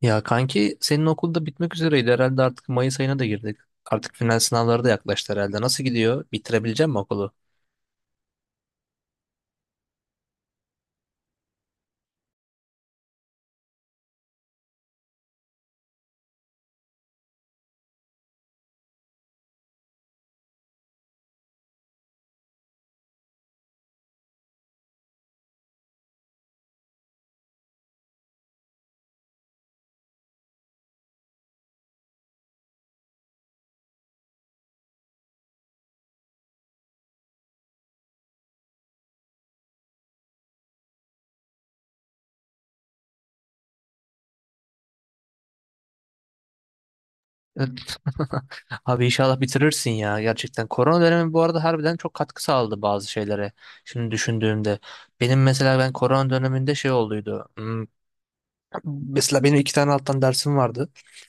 Ya kanki senin okulda bitmek üzereydi herhalde artık Mayıs ayına da girdik. Artık final sınavları da yaklaştı herhalde. Nasıl gidiyor? Bitirebilecek mi okulu? Evet. Abi inşallah bitirirsin ya gerçekten. Korona dönemi bu arada harbiden çok katkı sağladı bazı şeylere. Şimdi düşündüğümde. Benim mesela ben korona döneminde şey olduydu. Mesela benim iki tane alttan dersim vardı.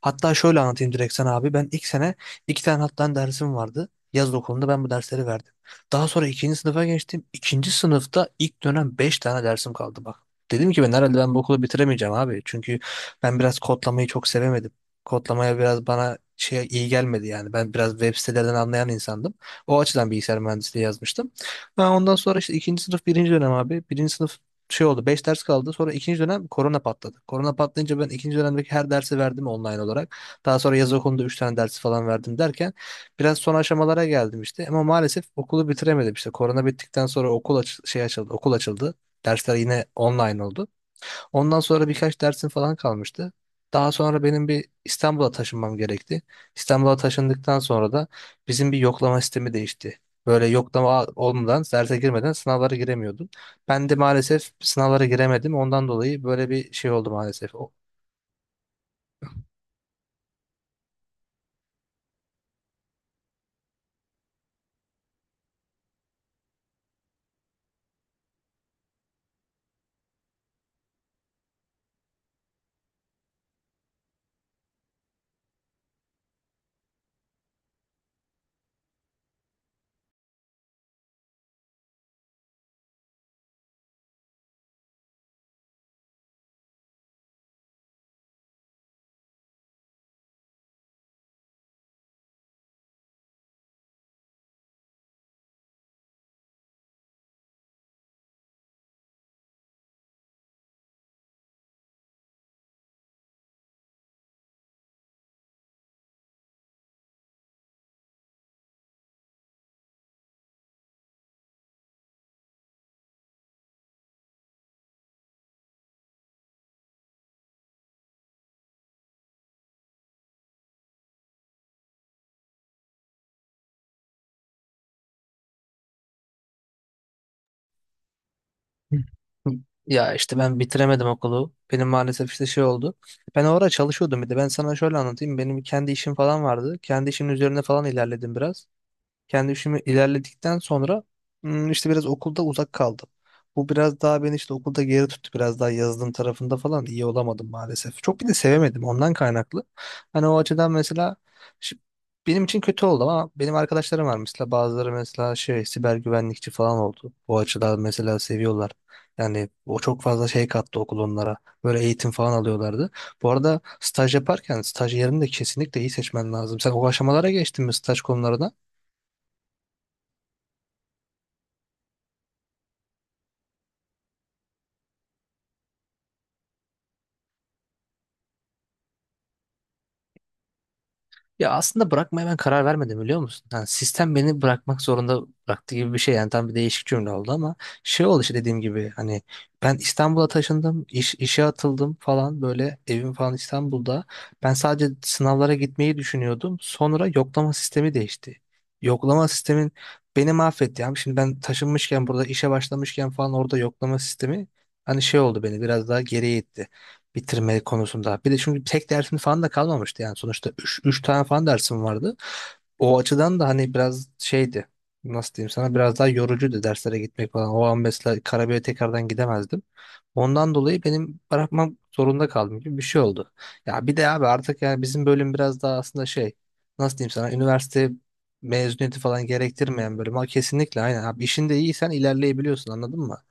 Hatta şöyle anlatayım direkt sana abi. Ben ilk sene iki tane alttan dersim vardı. Yaz okulunda ben bu dersleri verdim. Daha sonra ikinci sınıfa geçtim. İkinci sınıfta ilk dönem beş tane dersim kaldı bak. Dedim ki ben herhalde ben bu okulu bitiremeyeceğim abi. Çünkü ben biraz kodlamayı çok sevemedim. Kodlamaya biraz bana şey iyi gelmedi yani. Ben biraz web sitelerden anlayan insandım. O açıdan bilgisayar mühendisliği yazmıştım. Ben ondan sonra işte ikinci sınıf birinci dönem abi. Birinci sınıf şey oldu 5 ders kaldı sonra ikinci dönem korona patladı. Korona patlayınca ben ikinci dönemdeki her dersi verdim online olarak. Daha sonra yaz okulunda 3 tane dersi falan verdim derken biraz son aşamalara geldim işte ama maalesef okulu bitiremedim işte. Korona bittikten sonra okul aç şey açıldı okul açıldı. Dersler yine online oldu. Ondan sonra birkaç dersim falan kalmıştı. Daha sonra benim bir İstanbul'a taşınmam gerekti. İstanbul'a taşındıktan sonra da bizim bir yoklama sistemi değişti. Böyle yoklama olmadan, derse girmeden sınavlara giremiyordum. Ben de maalesef sınavlara giremedim. Ondan dolayı böyle bir şey oldu maalesef. Hı. Ya işte ben bitiremedim okulu. Benim maalesef işte şey oldu. Ben orada çalışıyordum bir de. Ben sana şöyle anlatayım. Benim kendi işim falan vardı. Kendi işimin üzerine falan ilerledim biraz. Kendi işimi ilerledikten sonra işte biraz okulda uzak kaldım. Bu biraz daha beni işte okulda geri tuttu. Biraz daha yazılım tarafında falan iyi olamadım maalesef. Çok bir de sevemedim ondan kaynaklı. Hani o açıdan mesela şi- benim için kötü oldu ama benim arkadaşlarım var mesela bazıları mesela şey siber güvenlikçi falan oldu. Bu açıdan mesela seviyorlar. Yani o çok fazla şey kattı okul onlara. Böyle eğitim falan alıyorlardı. Bu arada staj yaparken staj yerini de kesinlikle iyi seçmen lazım. Sen o aşamalara geçtin mi staj konularına? Ya aslında bırakmaya ben karar vermedim biliyor musun? Yani sistem beni bırakmak zorunda bıraktı gibi bir şey. Yani tam bir değişik cümle oldu ama şey oldu işte dediğim gibi hani ben İstanbul'a taşındım, işe atıldım falan böyle evim falan İstanbul'da. Ben sadece sınavlara gitmeyi düşünüyordum. Sonra yoklama sistemi değişti. Yoklama sistemin beni mahvetti. Yani şimdi ben taşınmışken burada işe başlamışken falan orada yoklama sistemi hani şey oldu beni biraz daha geriye itti bitirme konusunda. Bir de çünkü tek dersin falan da kalmamıştı yani sonuçta 3 tane falan dersim vardı. O açıdan da hani biraz şeydi. Nasıl diyeyim sana biraz daha yorucuydu derslere gitmek falan. O an mesela Karabük'e tekrardan gidemezdim. Ondan dolayı benim bırakmam zorunda kaldım gibi bir şey oldu. Ya bir de abi artık yani bizim bölüm biraz daha aslında şey nasıl diyeyim sana üniversite mezuniyeti falan gerektirmeyen bölüm. Ha, kesinlikle aynen abi işinde iyiysen ilerleyebiliyorsun anladın mı?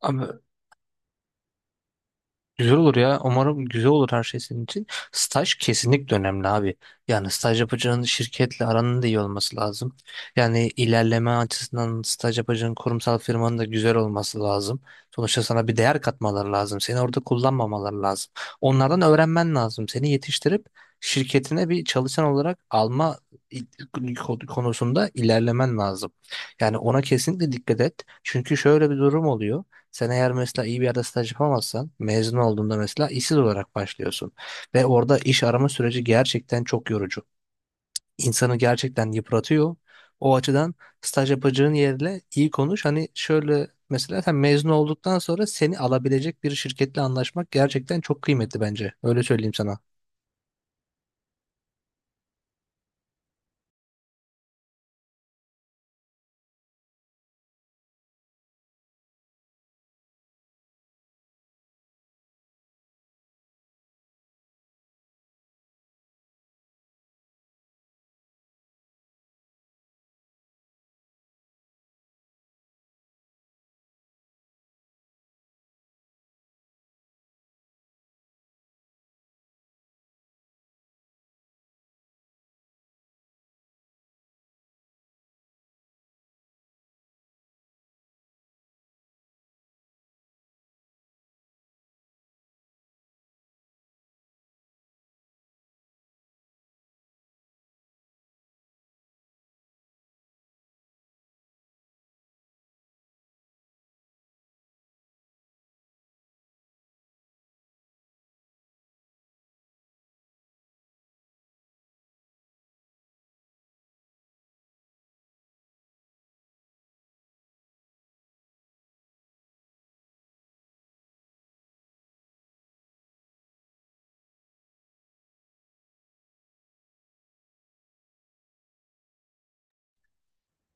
Ama güzel olur ya. Umarım güzel olur her şey senin için. Staj kesinlikle önemli abi. Yani staj yapacağın şirketle aranın da iyi olması lazım. Yani ilerleme açısından staj yapacağın kurumsal firmanın da güzel olması lazım. Sonuçta sana bir değer katmaları lazım. Seni orada kullanmamaları lazım. Onlardan öğrenmen lazım. Seni yetiştirip şirketine bir çalışan olarak alma i- konusunda ilerlemen lazım. Yani ona kesinlikle dikkat et. Çünkü şöyle bir durum oluyor. Sen eğer mesela iyi bir yerde staj yapamazsan mezun olduğunda mesela işsiz olarak başlıyorsun. Ve orada iş arama süreci gerçekten çok yorucu. İnsanı gerçekten yıpratıyor. O açıdan staj yapacağın yerle iyi konuş. Hani şöyle mesela sen mezun olduktan sonra seni alabilecek bir şirketle anlaşmak gerçekten çok kıymetli bence. Öyle söyleyeyim sana.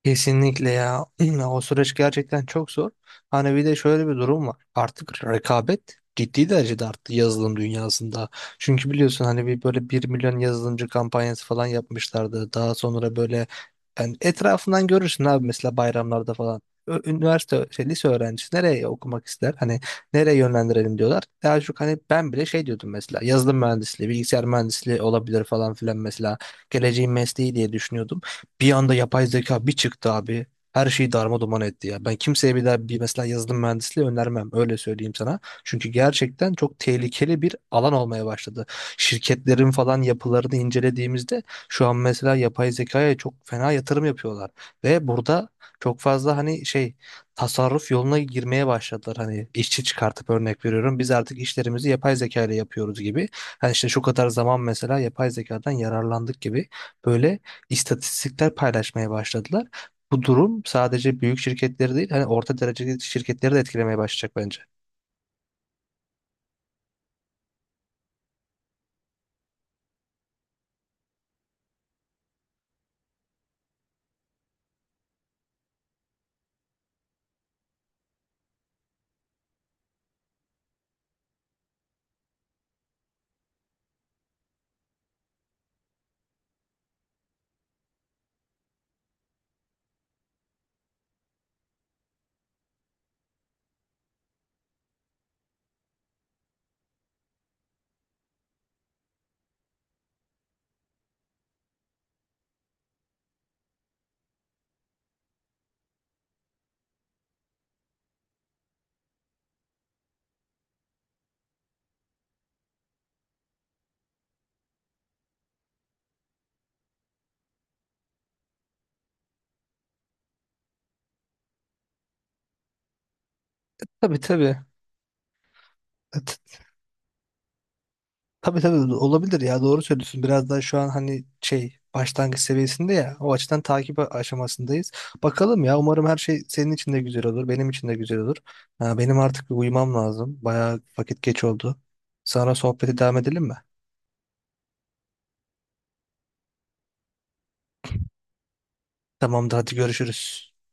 Kesinlikle ya. O süreç gerçekten çok zor. Hani bir de şöyle bir durum var. Artık rekabet ciddi derecede arttı yazılım dünyasında. Çünkü biliyorsun hani bir böyle 1 milyon yazılımcı kampanyası falan yapmışlardı. Daha sonra böyle yani etrafından görürsün abi mesela bayramlarda falan. Lise öğrencisi nereye okumak ister? Hani nereye yönlendirelim diyorlar. Daha çok hani ben bile şey diyordum mesela yazılım mühendisliği, bilgisayar mühendisliği olabilir falan filan mesela geleceğin mesleği diye düşünüyordum. Bir anda yapay zeka bir çıktı abi. Her şeyi darma duman etti ya. Ben kimseye bir daha bir mesela yazılım mühendisliği önermem. Öyle söyleyeyim sana. Çünkü gerçekten çok tehlikeli bir alan olmaya başladı. Şirketlerin falan yapılarını incelediğimizde şu an mesela yapay zekaya çok fena yatırım yapıyorlar. Ve burada çok fazla hani şey tasarruf yoluna girmeye başladılar. Hani işçi çıkartıp örnek veriyorum. Biz artık işlerimizi yapay zeka ile yapıyoruz gibi. Hani işte şu kadar zaman mesela yapay zekadan yararlandık gibi böyle istatistikler paylaşmaya başladılar. Bu durum sadece büyük şirketleri değil, hani orta dereceli şirketleri de etkilemeye başlayacak bence. Tabii tabii. Evet, tabii tabii olabilir ya doğru söylüyorsun. Biraz daha şu an hani şey başlangıç seviyesinde ya o açıdan takip aşamasındayız. Bakalım ya umarım her şey senin için de güzel olur, benim için de güzel olur. Ha, benim artık bir uyumam lazım. Bayağı vakit geç oldu. Sonra sohbete devam edelim mi? Tamamdır hadi görüşürüz.